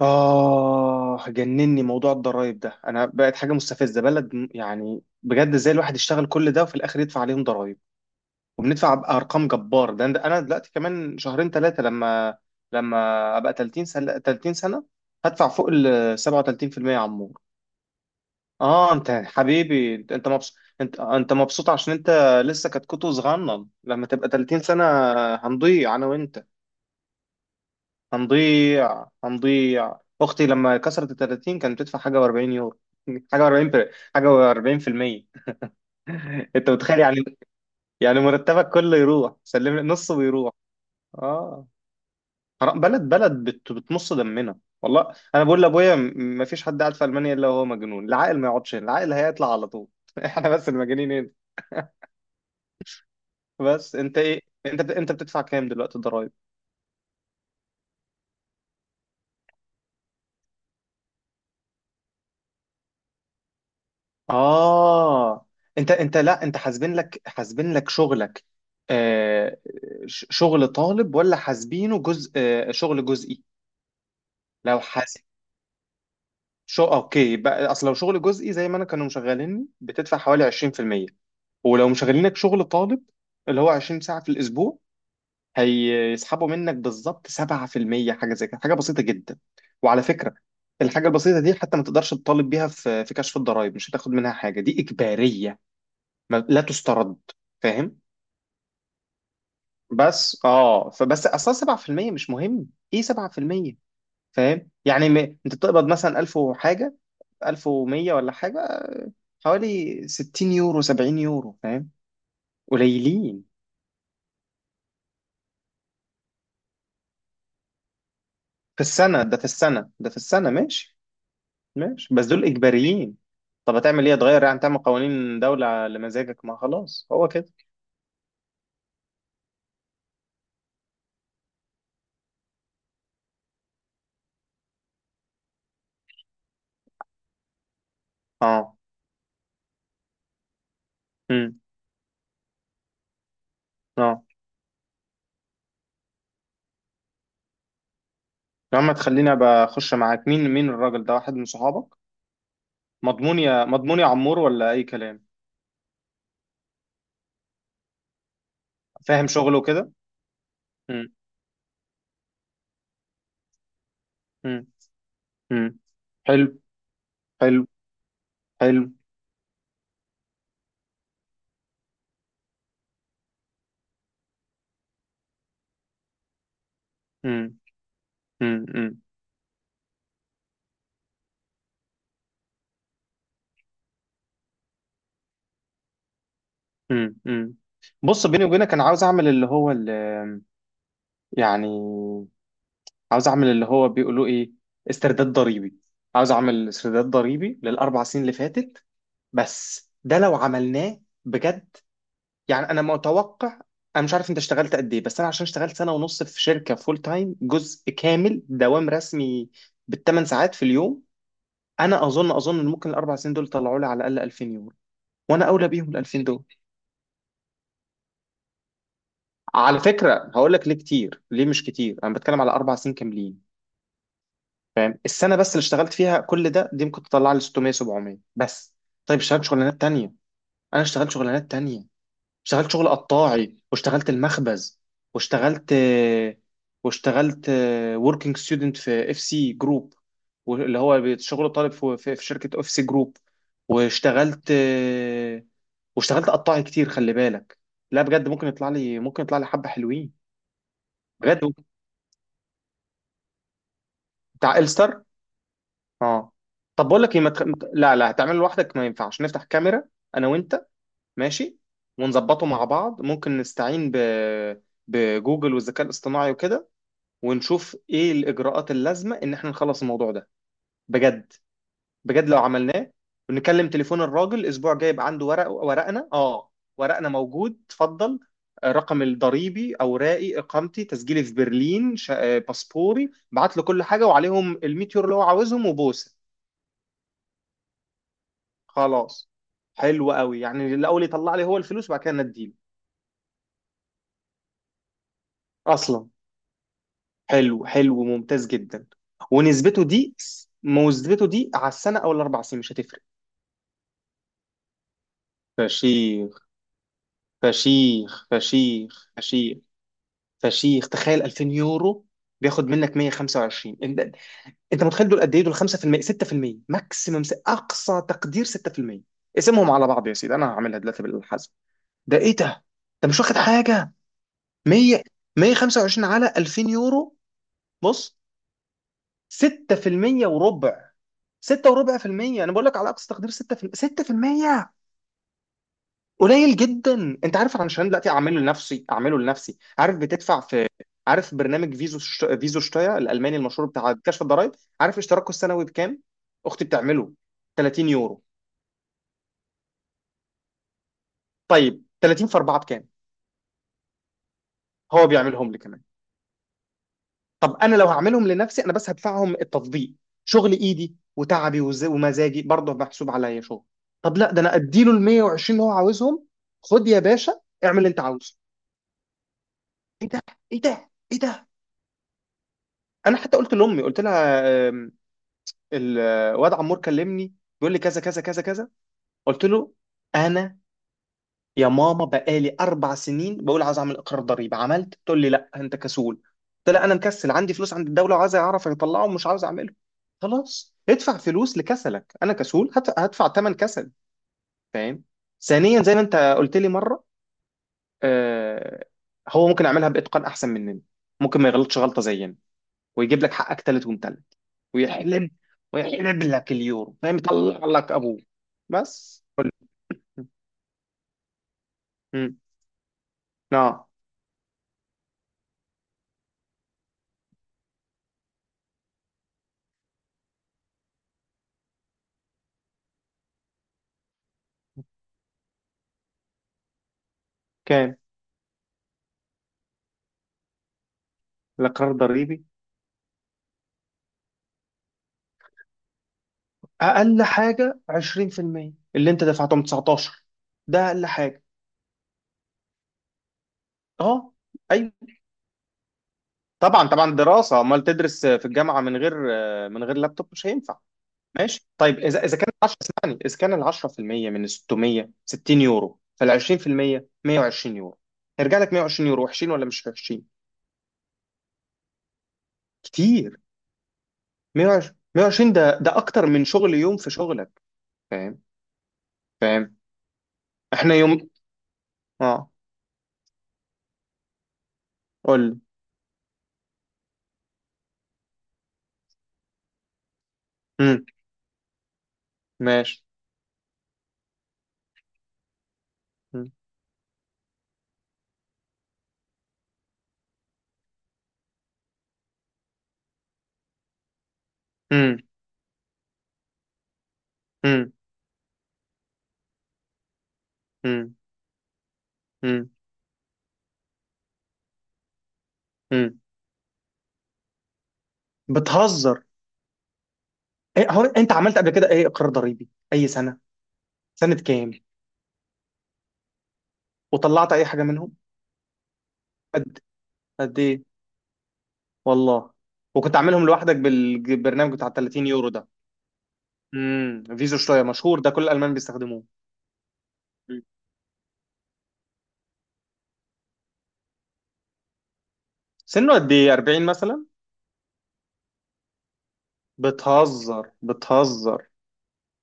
آه، جنني موضوع الضرايب ده. أنا بقت حاجة مستفزة، يعني بجد، إزاي الواحد يشتغل كل ده وفي الآخر يدفع عليهم ضرايب وبندفع بأرقام جبار؟ ده أنا دلوقتي كمان شهرين ثلاثة لما أبقى 30 سنة، 30 سنة هدفع فوق ال 37% يا عمور. آه، أنت حبيبي، أنت مبسوط، أنت مبسوط عشان أنت لسه كتكوت صغنن. لما تبقى 30 سنة هنضيع أنا وأنت. هنضيع هنضيع. اختي لما كسرت ال 30 كانت بتدفع حاجه و40 يورو، حاجه و40، حاجه و40%. انت متخيل يعني؟ يعني مرتبك كله يروح، سلم لي نصه ويروح. اه، حرام، بلد بلد بتمص دمنا. والله انا بقول لابويا ما فيش حد قاعد في المانيا الا وهو مجنون. العاقل ما يقعدش هنا، العاقل هيطلع على طول. احنا بس المجانين هنا. بس انت ايه، انت بتدفع كام دلوقتي ضرايب؟ اه، انت لا، انت حاسبين لك شغلك، آه، شغل طالب ولا حاسبينه جزء، شغل جزئي؟ لو حاسب شو، اوكي بقى، اصل لو شغل جزئي زي ما انا كانوا مشغليني بتدفع حوالي 20%، ولو مشغلينك شغل طالب اللي هو 20 ساعة في الاسبوع هيسحبوا منك بالظبط 7%، حاجة زي كده، حاجة بسيطة جدا. وعلى فكرة، الحاجة البسيطة دي حتى ما تقدرش تطالب بيها في كشف الضرائب، مش هتاخد منها حاجة، دي إجبارية، لا تسترد. فاهم؟ بس فبس اصلا 7% مش مهم، ايه 7%؟ فاهم؟ يعني انت بتقبض مثلا 1000 وحاجه، 1100 ولا حاجه، حوالي 60 يورو، 70 يورو، فاهم؟ قليلين. في السنه ده، في السنه ده، في السنه، ماشي. ماشي بس دول اجباريين. طب هتعمل ايه، هتغير يعني، تعمل قوانين دوله لمزاجك؟ ما خلاص هو كده. اه. امم. اه. يا عم تخليني ابقى اخش معاك. مين مين الراجل ده، واحد من صحابك؟ مضمون يا مضمون يا عمور ولا اي كلام؟ فاهم شغله كده. مم. مم. مم. حلو، حلو، حلو. مم. مم. مم. مم. مم. بص، بيني وبينك انا عاوز اعمل اللي هو اللي، يعني، عاوز اعمل اللي هو بيقولوا ايه، استرداد ضريبي. عاوز اعمل استرداد ضريبي للاربع سنين اللي فاتت. بس ده لو عملناه بجد، يعني انا متوقع، انا مش عارف انت اشتغلت قد ايه، بس انا عشان اشتغلت سنه ونص في شركه فول تايم، جزء كامل، دوام رسمي بالثمان ساعات في اليوم، انا اظن اظن ان ممكن الاربع سنين دول طلعوا لي على الاقل 2000 يورو. وانا اولى بيهم ال 2000 دول. على فكره هقول لك ليه كتير ليه مش كتير. انا بتكلم على اربع سنين كاملين. السنه بس اللي اشتغلت فيها كل ده، دي ممكن تطلع لي 600، 700 بس. طيب اشتغلت شغلانات تانية، انا اشتغلت شغلانات تانية. اشتغلت شغل قطاعي، واشتغلت المخبز، واشتغلت واشتغلت وركينج ستودنت في اف سي جروب، اللي هو شغل طالب في في شركه اف سي جروب. واشتغلت واشتغلت قطاعي كتير، خلي بالك. لا بجد ممكن يطلع لي، ممكن يطلع لي حبه حلوين. بجد ممكن. بتاع الستر. اه. طب بقول لك ايه، ما تخ... ما ت- لا لا، هتعمله لوحدك؟ ما ينفعش نفتح كاميرا انا وانت. ماشي. ونظبطه مع بعض، ممكن نستعين بجوجل والذكاء الاصطناعي وكده، ونشوف ايه الاجراءات اللازمه ان احنا نخلص الموضوع ده، بجد. بجد لو عملناه ونكلم تليفون الراجل، اسبوع جاي يبقى عنده ورق، ورقنا. اه، ورقنا موجود اتفضل، آه، رقم الضريبي، اوراقي، اقامتي، تسجيلي في برلين، آه، باسبوري، بعت له كل حاجه وعليهم الميتيور اللي هو عاوزهم وبوسه. خلاص. حلو قوي، يعني الاول يطلع لي هو الفلوس وبعد كده نديله. اصلا. حلو، حلو، ممتاز جدا. ونسبته دي، نسبته دي على السنه او الاربع سنين مش هتفرق. فشيخ، فشيخ، فشيخ، فشيخ، فشيخ. تخيل 2000 يورو بياخد منك 125. انت انت متخيل دول قد ايه؟ دول 5%، 6% ماكسيمم، اقصى تقدير 6%. اقسمهم على بعض يا سيدي، انا هعملها دلوقتي بالحسب. ده ايه ده، ده مش واخد حاجه. 100، 125 على 2000 يورو. بص، 6% وربع. 6 وربع في المية، انا بقول لك على اقصى تقدير 6%، 6%. قليل جدا. انت عارف، علشان دلوقتي اعمله لنفسي، اعمله لنفسي. عارف بتدفع في؟ عارف برنامج فيزو شتايا الالماني المشهور بتاع كشف الضرائب؟ عارف اشتراكه السنوي بكام؟ اختي بتعمله 30 يورو. طيب 30 في 4 بكام؟ هو بيعملهم لي كمان. طب انا لو هعملهم لنفسي انا، بس هدفعهم التطبيق، شغل ايدي وتعبي ومزاجي برضه محسوب عليا شغل. طب لا، ده انا اديله ال 120 اللي هو عاوزهم. خد يا باشا، اعمل اللي انت عاوزه. ايه ده، ايه ده، ايه ده؟ انا حتى قلت لامي، قلت لها الواد عمور كلمني بيقول لي كذا كذا كذا كذا، قلت له انا، يا ماما بقالي اربع سنين بقول عايز اعمل اقرار ضريبي عملت، تقول لي لا انت كسول. قلت لها انا مكسل، عندي فلوس عند الدوله وعايز اعرف اطلعه ومش عاوز اعمله. خلاص ادفع فلوس لكسلك، انا كسول هدفع ثمن كسل. فاهم؟ ثانيا، زي ما انت قلت لي مره، آه، هو ممكن يعملها باتقان احسن مننا، ممكن ما يغلطش غلطه زينا ويجيب لك حقك تالت ومتلت. ويحلب، ويحلب لك اليورو، فاهم، يطلع لك ابوه. بس. امم، نعم. كام لقرار ضريبي؟ اقل حاجه 20% اللي انت دفعتهم 19، ده اقل حاجه. اه، ايوه، طبعا طبعا، دراسه، امال تدرس في الجامعه من غير، من غير لابتوب؟ مش هينفع. ماشي، طيب، اذا اذا كان 10 اسمعني، اذا كان ال 10% من 600، 60 يورو، فال 20% 120 يورو. هيرجع لك 120 يورو، وحشين ولا مش وحشين؟ كتير. 120، 120 ده، ده اكتر من شغل يوم في شغلك. فاهم؟ فاهم. احنا يوم. اه، قول لي. امم. ماشي. امم. امم. امم. امم. امم. بتهزر. ايه هو انت عملت قبل كده ايه، اقرار ضريبي اي سنه، سنه كام؟ وطلعت اي حاجه منهم؟ قد، قد ايه؟ والله. وكنت عاملهم لوحدك بالبرنامج بتاع 30 يورو ده. امم. فيزو شويه مشهور ده كل الالمان بيستخدموه. مم. سنه قد ايه، 40 مثلا؟ بتهزر، بتهزر.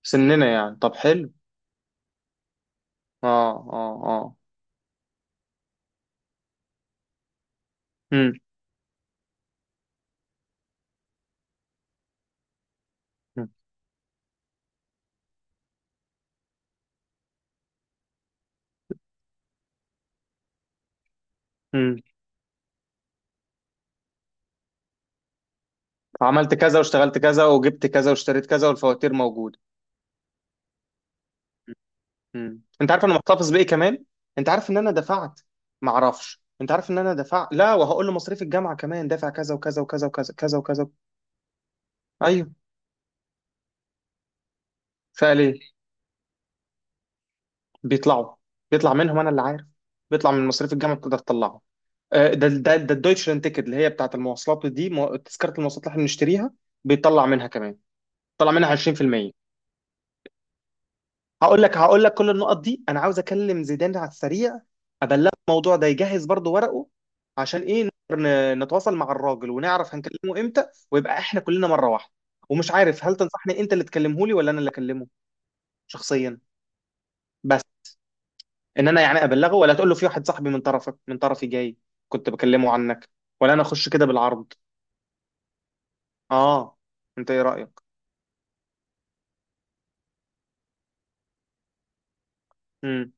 سننا يعني؟ طب حلو. اه، اه، اه. امم. امم. عملت كذا واشتغلت كذا وجبت كذا واشتريت كذا والفواتير موجوده. امم. انت عارف انا محتفظ بايه كمان؟ انت عارف ان انا دفعت؟ ما اعرفش، انت عارف ان انا دفعت؟ لا، وهقول له مصاريف الجامعه كمان دافع كذا وكذا وكذا وكذا كذا وكذا. ايوه. فقال ايه؟ بيطلعوا. بيطلع منهم انا اللي عارف. بيطلع من مصاريف الجامعه، بتقدر تطلعه. آه، ده ده ده الدويتشلاند تيكت اللي هي بتاعت المواصلات دي، تذكره المواصلات اللي احنا بنشتريها، بيطلع منها كمان. طلع منها 20%. هقول لك، هقول لك كل النقط دي. انا عاوز اكلم زيدان على السريع، ابلغه الموضوع ده يجهز برضو ورقه، عشان ايه، نقدر نتواصل مع الراجل ونعرف هنكلمه امتى ويبقى احنا كلنا مره واحده. ومش عارف هل تنصحني انت اللي تكلمه لي ولا انا اللي اكلمه شخصيا؟ بس ان انا يعني ابلغه، ولا تقول له في واحد صاحبي من طرفك، من طرفي جاي، كنت بكلمه عنك، ولا انا اخش كده بالعرض؟ اه، انت ايه رايك؟ امم.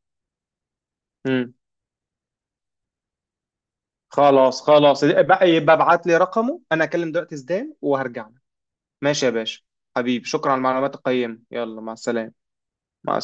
امم. خلاص، خلاص بقى، يبقى ابعت لي رقمه، انا اكلم دلوقتي زيدان وهرجع. ماشي يا باشا. حبيبي شكرا على المعلومات القيمة، يلا مع السلامة. مع